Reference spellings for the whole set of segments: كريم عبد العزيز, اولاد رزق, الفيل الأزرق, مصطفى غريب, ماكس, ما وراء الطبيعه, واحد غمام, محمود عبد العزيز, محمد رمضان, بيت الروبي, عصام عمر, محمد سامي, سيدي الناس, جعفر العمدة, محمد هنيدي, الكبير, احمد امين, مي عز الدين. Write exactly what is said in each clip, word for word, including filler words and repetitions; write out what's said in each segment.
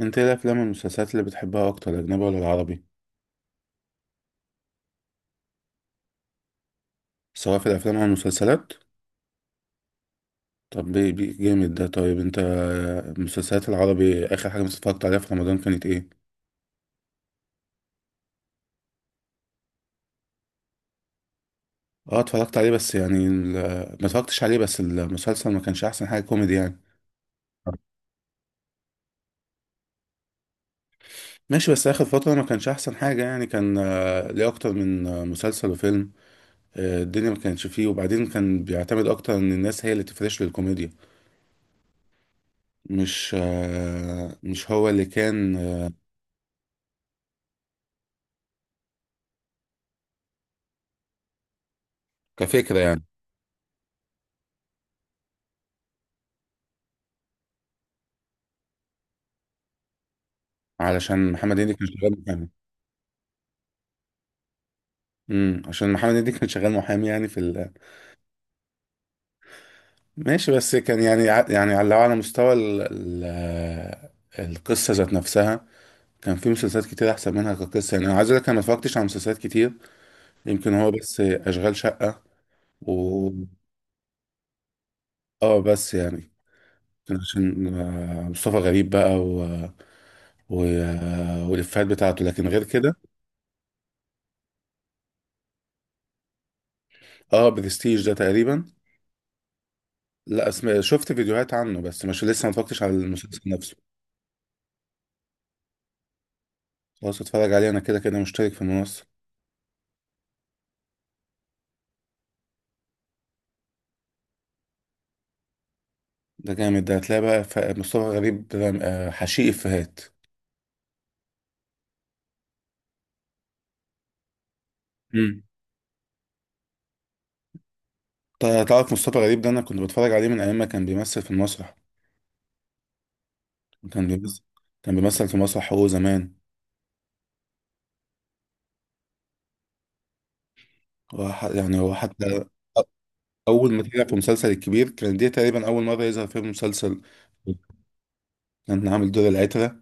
انت ايه الافلام والمسلسلات اللي بتحبها اكتر، الاجنبي ولا العربي؟ سواء في الافلام او المسلسلات. طب بي بي جامد ده. طيب انت، المسلسلات العربي اخر حاجه مثلا اتفرجت عليها في رمضان كانت ايه؟ اه اتفرجت عليه بس يعني ال- ما اتفرجتش عليه. بس المسلسل ما كانش احسن حاجه كوميدي يعني. ماشي، بس اخر فتره ما كانش احسن حاجه يعني. كان آه، ليه اكتر من آه، مسلسل وفيلم آه، الدنيا؟ ما كانش فيه، وبعدين كان بيعتمد اكتر ان الناس هي اللي تفرش للكوميديا، مش آه، مش هو اللي كان. آه، كفكره يعني. علشان محمد هنيدي كان شغال محامي. امم، عشان محمد هنيدي كان شغال محامي يعني في ال... ماشي، بس كان يعني ع- يعني على، لو على مستوى ال... ال... القصه ذات نفسها. كان في مسلسلات كتير احسن منها كقصه. يعني انا عايز اقول لك انا ما اتفرجتش على مسلسلات كتير. يمكن هو بس اشغال شقه، و اه بس يعني كان عشان آه، مصطفى غريب بقى، و... و... آه، والافيهات بتاعته، لكن غير كده. اه برستيج ده تقريبا. لا اسم... شفت فيديوهات عنه بس، مش لسه ما اتفرجتش على المسلسل نفسه. خلاص اتفرج عليه، انا كده كده مشترك في المنصة. ده جامد ده. هتلاقي بقى ف- مصطفى غريب رم- آه، حشيق افيهات. مم. طيب، تعرف مصطفى غريب ده انا كنت بتفرج عليه من ايام ما كان بيمثل في المسرح؟ كان بيمثل، كان بيمثل في مسرح هو زمان. هو ح- يعني هو حتى اول ما طلع في مسلسل الكبير، كان دي تقريبا اول مرة يظهر في مسلسل. كان عامل دور العترة.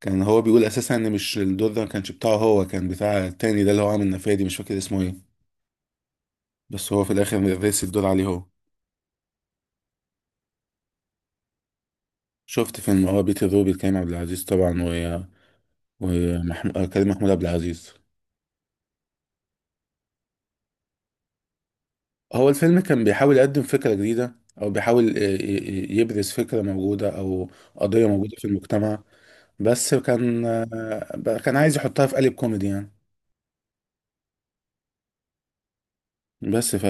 كان هو بيقول اساسا ان مش الدور ده ما كانش بتاعه، هو كان بتاع التاني ده اللي هو عامل نفادي، مش فاكر اسمه ايه. بس هو في الاخر رسي الدور عليه هو. شفت فيلم اه بيت الروبي، كريم عبد العزيز طبعا، و ومحمود، كريم محمود عبد العزيز. هو الفيلم كان بيحاول يقدم فكرة جديدة، او بيحاول آه، ي- ي- يبرز فكرة موجودة او قضية موجودة في المجتمع. بس كان آه، كان عايز يحطها في قالب كوميدي يعني. بس ف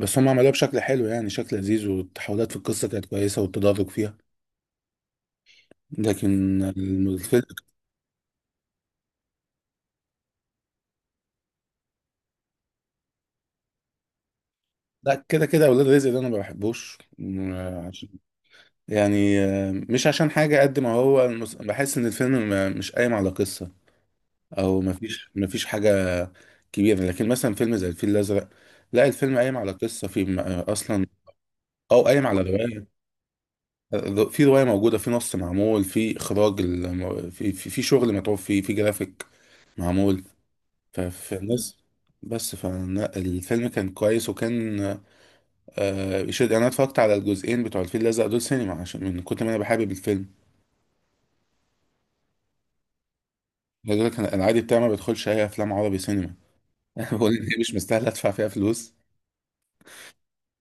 بس هم عملوها بشكل حلو يعني، شكل لذيذ، والتحولات في القصة كانت كويسة والتدرج فيها. لكن الم- الفيلم، لا كده كده اولاد رزق ده انا ما بحبوش. يعني آه، مش عشان حاجة، قد ما هو المس... بحس إن الفيلم ما- مش قايم على قصة، أو مفيش مفيش حاجة كبيرة. لكن مثلا فيلم زي الفيل الأزرق، لا الفيلم قايم على قصة في م- آه، أصلا، أو قايم على رواية. آه، في رواية موجودة، في نص معمول، في إخراج الم- في في, في شغل متعوب فيه، في جرافيك معمول. فالناس، بس فالفيلم كان كويس، وكان آه، يشد. أنا اتفرجت على الجزئين بتوع الفيل الأزرق دول سينما، عشان من كتر ما أنا بحابب الفيلم. عايز اقول لك انا، أنا عادي بتاعي ما بدخلش اي افلام عربي سينما. انا بقول ان هي مش مستاهله ادفع فيها فلوس،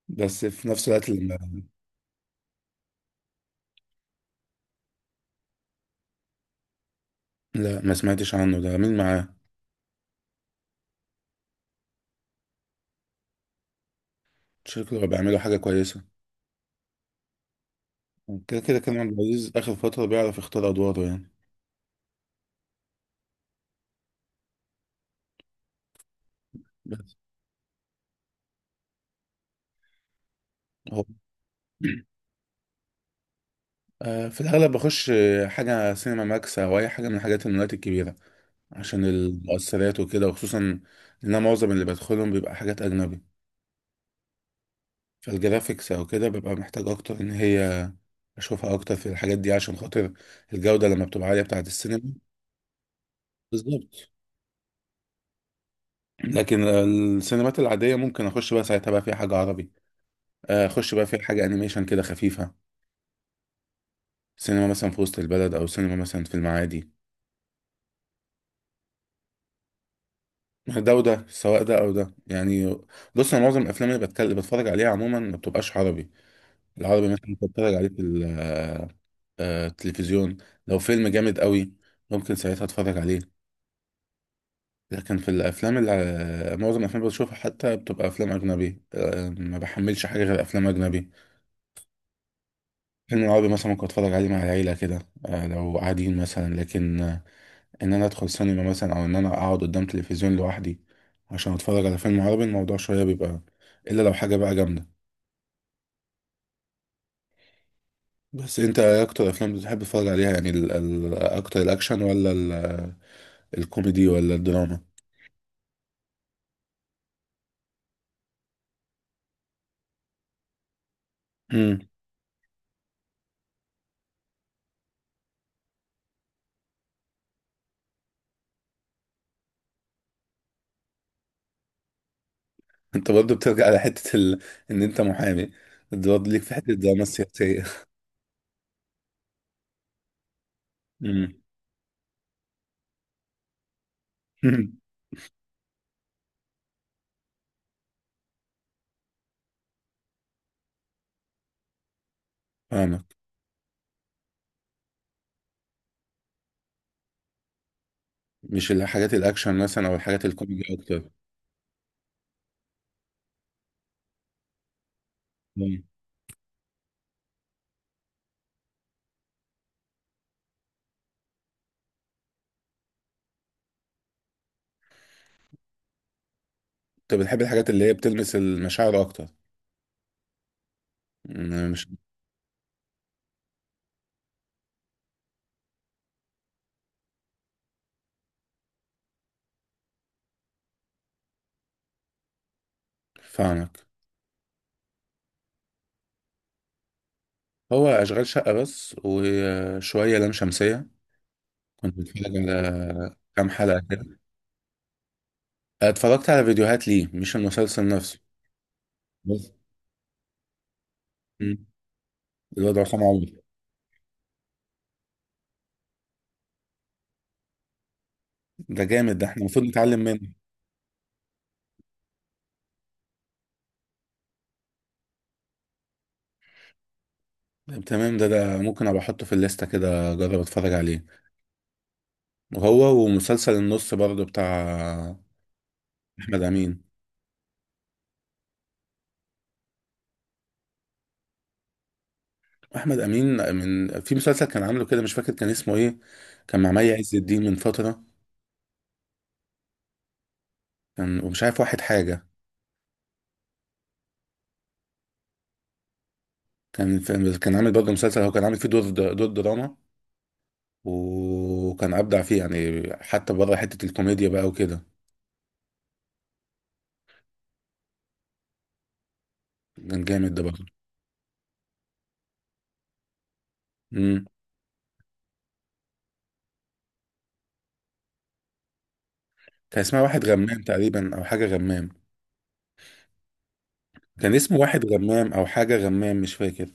بس في نفس الوقت لما، لا ما سمعتش عنه، ده مين معاه؟ شكله بيعملوا حاجه كويسه. كده كده كان عبد العزيز اخر فتره بيعرف يختار ادواره يعني. بس هو آه، في الاغلب بخش آه، حاجه سينما ماكس، او اي حاجه من حاجات المولات الكبيره، عشان المؤثرات وكده، وخصوصا ان أنا معظم اللي بدخلهم بيبقى حاجات اجنبي. فالجرافيكس او كده ببقى محتاج اكتر ان هي اشوفها اكتر في الحاجات دي، عشان خاطر الجودة لما بتبقى عالية بتاعة السينما. بالظبط. لكن السينمات العادية ممكن اخش بقى ساعتها بقى في حاجة عربي، آه، اخش بقى في حاجة انيميشن كده خفيفة. سينما مثلا في وسط البلد، او سينما مثلا في المعادي. ده وده، سواء ده او ده يعني. بص، انا معظم الافلام اللي بتكلم بتفرج عليها عموما ما بتبقاش عربي. العربي مثلا بتفرج عليه في ال- آه، آه، التلفزيون. لو فيلم جامد قوي، ممكن ساعتها اتفرج عليه. لكن في الافلام، اللي معظم الافلام اللي بشوفها حتى بتبقى افلام اجنبي. آه، ما بحملش حاجه غير افلام اجنبي. فيلم عربي مثلا ممكن اتفرج عليه مع العيله كده، آه، لو قاعدين مثلا. لكن آه، ان انا ادخل سينما مثلا، او ان انا اقعد قدام تلفزيون لوحدي عشان اتفرج على فيلم عربي، الموضوع شويه بيبقى، الا لو حاجه بقى جامده. بس انت إيه اكتر افلام بتحب تتفرج عليها يعني، ال ال اكتر الاكشن ولا ال الكوميدي ولا الدراما؟ امم. انت برضه بترجع على حته ال... ان انت محامي، برضه ليك في حته الدراما السياسيه. مم. فاهمك. مش الحاجات الاكشن مثلا او الحاجات الكوميدي اكتر؟ مم. انت بتحب الحاجات اللي هي بتلمس المشاعر اكتر، مم، مش فاهمك؟ هو اشغال شقه بس، وشويه لام شمسيه. كنت بتفرج على كام حلقه كده. اتفرجت على فيديوهات ليه، مش المسلسل نفسه. بس مم. الواد عصام عمر، ده جامد ده، احنا المفروض نتعلم منه. طب تمام، ده ده ممكن ابقى احطه في الليسته كده، اجرب اتفرج عليه. هو ومسلسل النص برضه بتاع احمد امين. احمد امين من في مسلسل كان عامله كده، مش فاكر كان اسمه ايه. كان مع مي عز الدين من فتره. كان، ومش عارف واحد حاجه. كان في... كان عامل برضه مسلسل هو، كان عامل فيه دور د- دور دراما. وكان ابدع فيه يعني، حتى بره حته الكوميديا بقى وكده. كان جامد ده برضه. امم. كان اسمها واحد غمام تقريبا، او حاجه غمام. كان اسمه واحد غمام، او حاجه غمام، مش فاكر.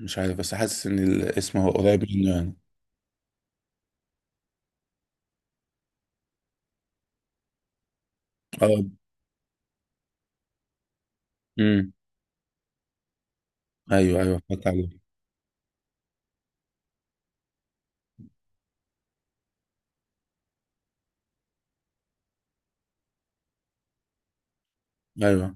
مش عارف، بس حاسس ان الاسم هو قريب منه يعني. اه. امم. ايوه ايوه، فاكر عليه. ايوه.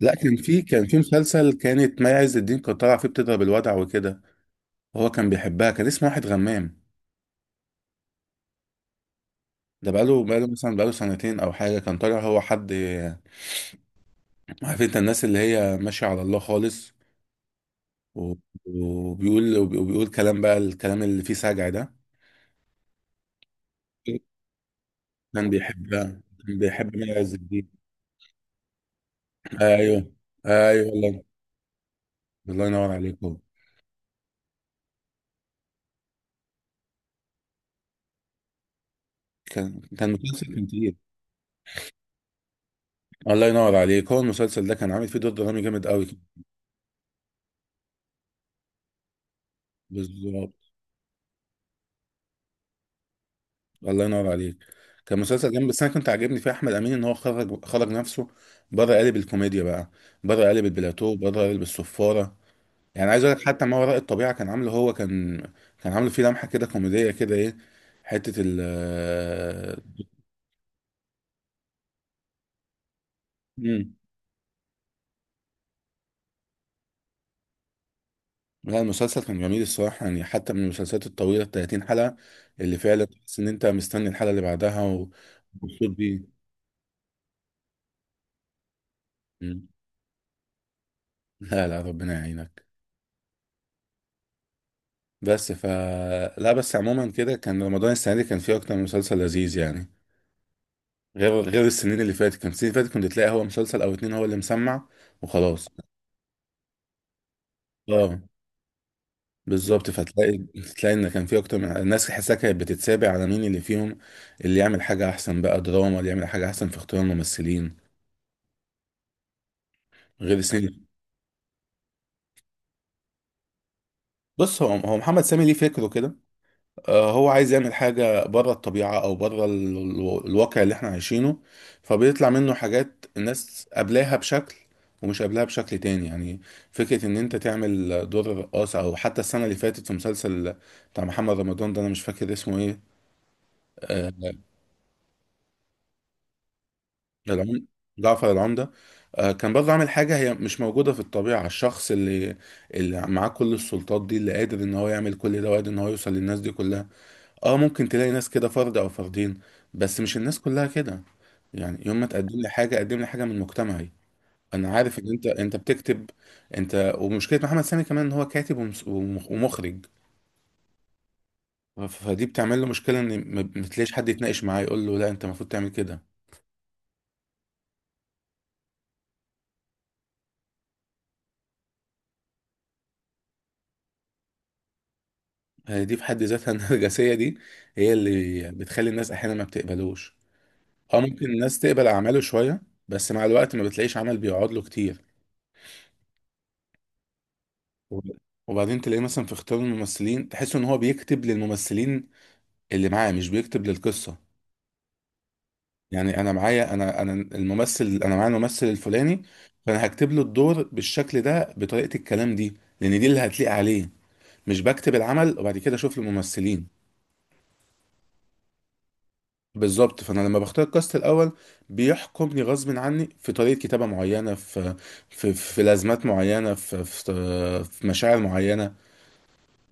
لا كان في، كان في مسلسل كانت مي عز الدين كانت طالعه فيه بتضرب الوضع وكده، وهو كان بيحبها. كان اسمه واحد غمام. ده بقاله، بقاله مثلا بقاله سنتين او حاجه. كان طالع هو، حد عارف انت الناس اللي هي ماشيه على الله خالص، و- وبيقول، وبيقول كلام بقى، الكلام اللي فيه سجع ده. كان بيحبها، كان بيحب مي عز الدين. ايوه. ايوه والله. الله ينور عليك. هو كان، كان مسلسل كان تقيل. الله ينور عليك. هو المسلسل ده كان عامل فيه دور درامي جامد قوي. بالظبط. الله ينور عليك. كان مسلسل جامد. بس انا كنت عاجبني في احمد امين ان هو خرج، خرج نفسه بره قالب الكوميديا بقى، بره قالب البلاتو، بره قالب الصفاره. يعني عايز اقول لك حتى ما وراء الطبيعه كان عامله هو، كان كان عامله فيه لمحه كده كوميديه كده، ايه، حته ال. امم. لا المسلسل كان جميل الصراحه يعني، حتى من المسلسلات الطويله ال الثلاثين حلقه، اللي فعلا تحس ان انت مستني الحلقه اللي بعدها ومبسوط بيه. مم. لا لا، ربنا يعينك. بس ف لا، بس عموما كده كان رمضان السنه دي كان فيه اكتر من مسلسل لذيذ يعني، غير، غير السنين اللي فاتت. كان السنين اللي فاتت كنت تلاقي هو مسلسل او اتنين هو اللي مسمع وخلاص. اه بالظبط. فتلاقي، تلاقي ان كان فيه اكتر من الناس تحسها كانت بتتسابق على مين اللي فيهم اللي يعمل حاجه احسن بقى دراما، اللي يعمل حاجه احسن في اختيار الممثلين، غير السنين. بص هو، هو محمد سامي ليه فكره كده. آه، هو عايز يعمل حاجة بره الطبيعة أو بره ال- ال- الواقع اللي احنا عايشينه، فبيطلع منه حاجات الناس قابلاها بشكل ومش قابلاها بشكل تاني يعني. فكرة إن أنت تعمل دور الرقاص، أو حتى السنة اللي فاتت في مسلسل بتاع محمد رمضان ده، أنا مش فاكر اسمه إيه. آه، العم- جعفر العمدة. آه، كان برضه عامل حاجة هي مش موجودة في الطبيعة، الشخص اللي، اللي معاه كل السلطات دي، اللي قادر إن هو يعمل كل ده، وقادر إن هو يوصل للناس دي كلها. اه ممكن تلاقي ناس كده فرد او فردين، بس مش الناس كلها كده. يعني يوم ما تقدم لي حاجه، قدم لي حاجه من مجتمعي. انا عارف ان انت، انت بتكتب. انت ومشكله محمد سامي كمان ان هو كاتب ومس- ومخ- ومخرج، فدي بتعمل له مشكله ان ما ما تلاقيش حد يتناقش معاه يقول له لا انت المفروض تعمل كده. هي دي في حد ذاتها النرجسيه دي هي اللي بتخلي الناس احيانا ما بتقبلوش. اه ممكن الناس تقبل اعماله شويه، بس مع الوقت ما بتلاقيش عمل بيقعد له كتير. وب- وبعدين تلاقيه مثلا في اختيار الممثلين تحس ان هو بيكتب للممثلين اللي معاه، مش بيكتب للقصه. يعني انا معايا انا، انا الممثل، انا معايا الممثل الفلاني، فانا هكتب له الدور بالشكل ده بطريقه الكلام دي، لان دي اللي هتليق عليه، مش بكتب العمل وبعد كده اشوف الممثلين. بالظبط. فانا لما بختار الكاست الاول، بيحكمني غصب عني في طريقه كتابه معينه، في في في لازمات معينه، في في في مشاعر معينه.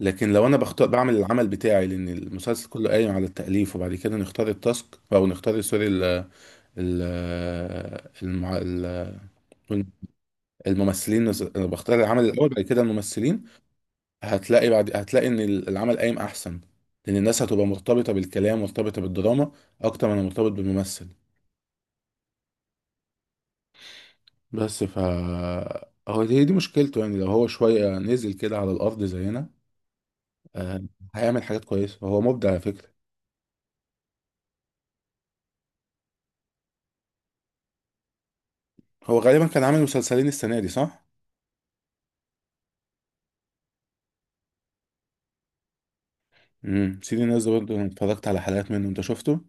لكن لو انا بختار، بعمل العمل بتاعي، لان المسلسل كله قايم على التأليف، وبعد كده نختار التاسك، او نختار سوري ال ال المع- ال- الممثلين. انا بختار العمل الاول، بعد كده الممثلين. هتلاقي بعد، هتلاقي ان العمل قايم احسن، لان الناس هتبقى مرتبطة بالكلام، مرتبطة بالدراما اكتر من مرتبط بالممثل. بس ف هو دي دي مشكلته يعني. لو هو شوية نزل كده على الارض زينا، آه، هيعمل حاجات كويسة، هو مبدع على فكرة. هو غالبا كان عامل مسلسلين السنة دي صح؟ امم، سيدي الناس ده برضه اتفرجت على حلقات منه، انت شفته؟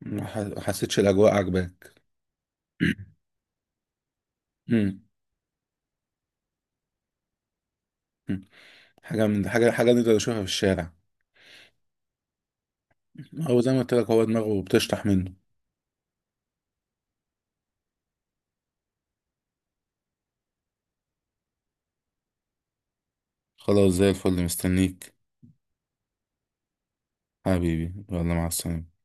ما ح- ما حسيتش الاجواء عجباك؟ امم. أمم. حاجه من حاجه، حاجه نقدر نشوفها في الشارع. هو زي ما قلت لك، هو دماغه بتشطح منه. خلاص زي الفل، مستنيك. حبيبي، يلا مع السلامه.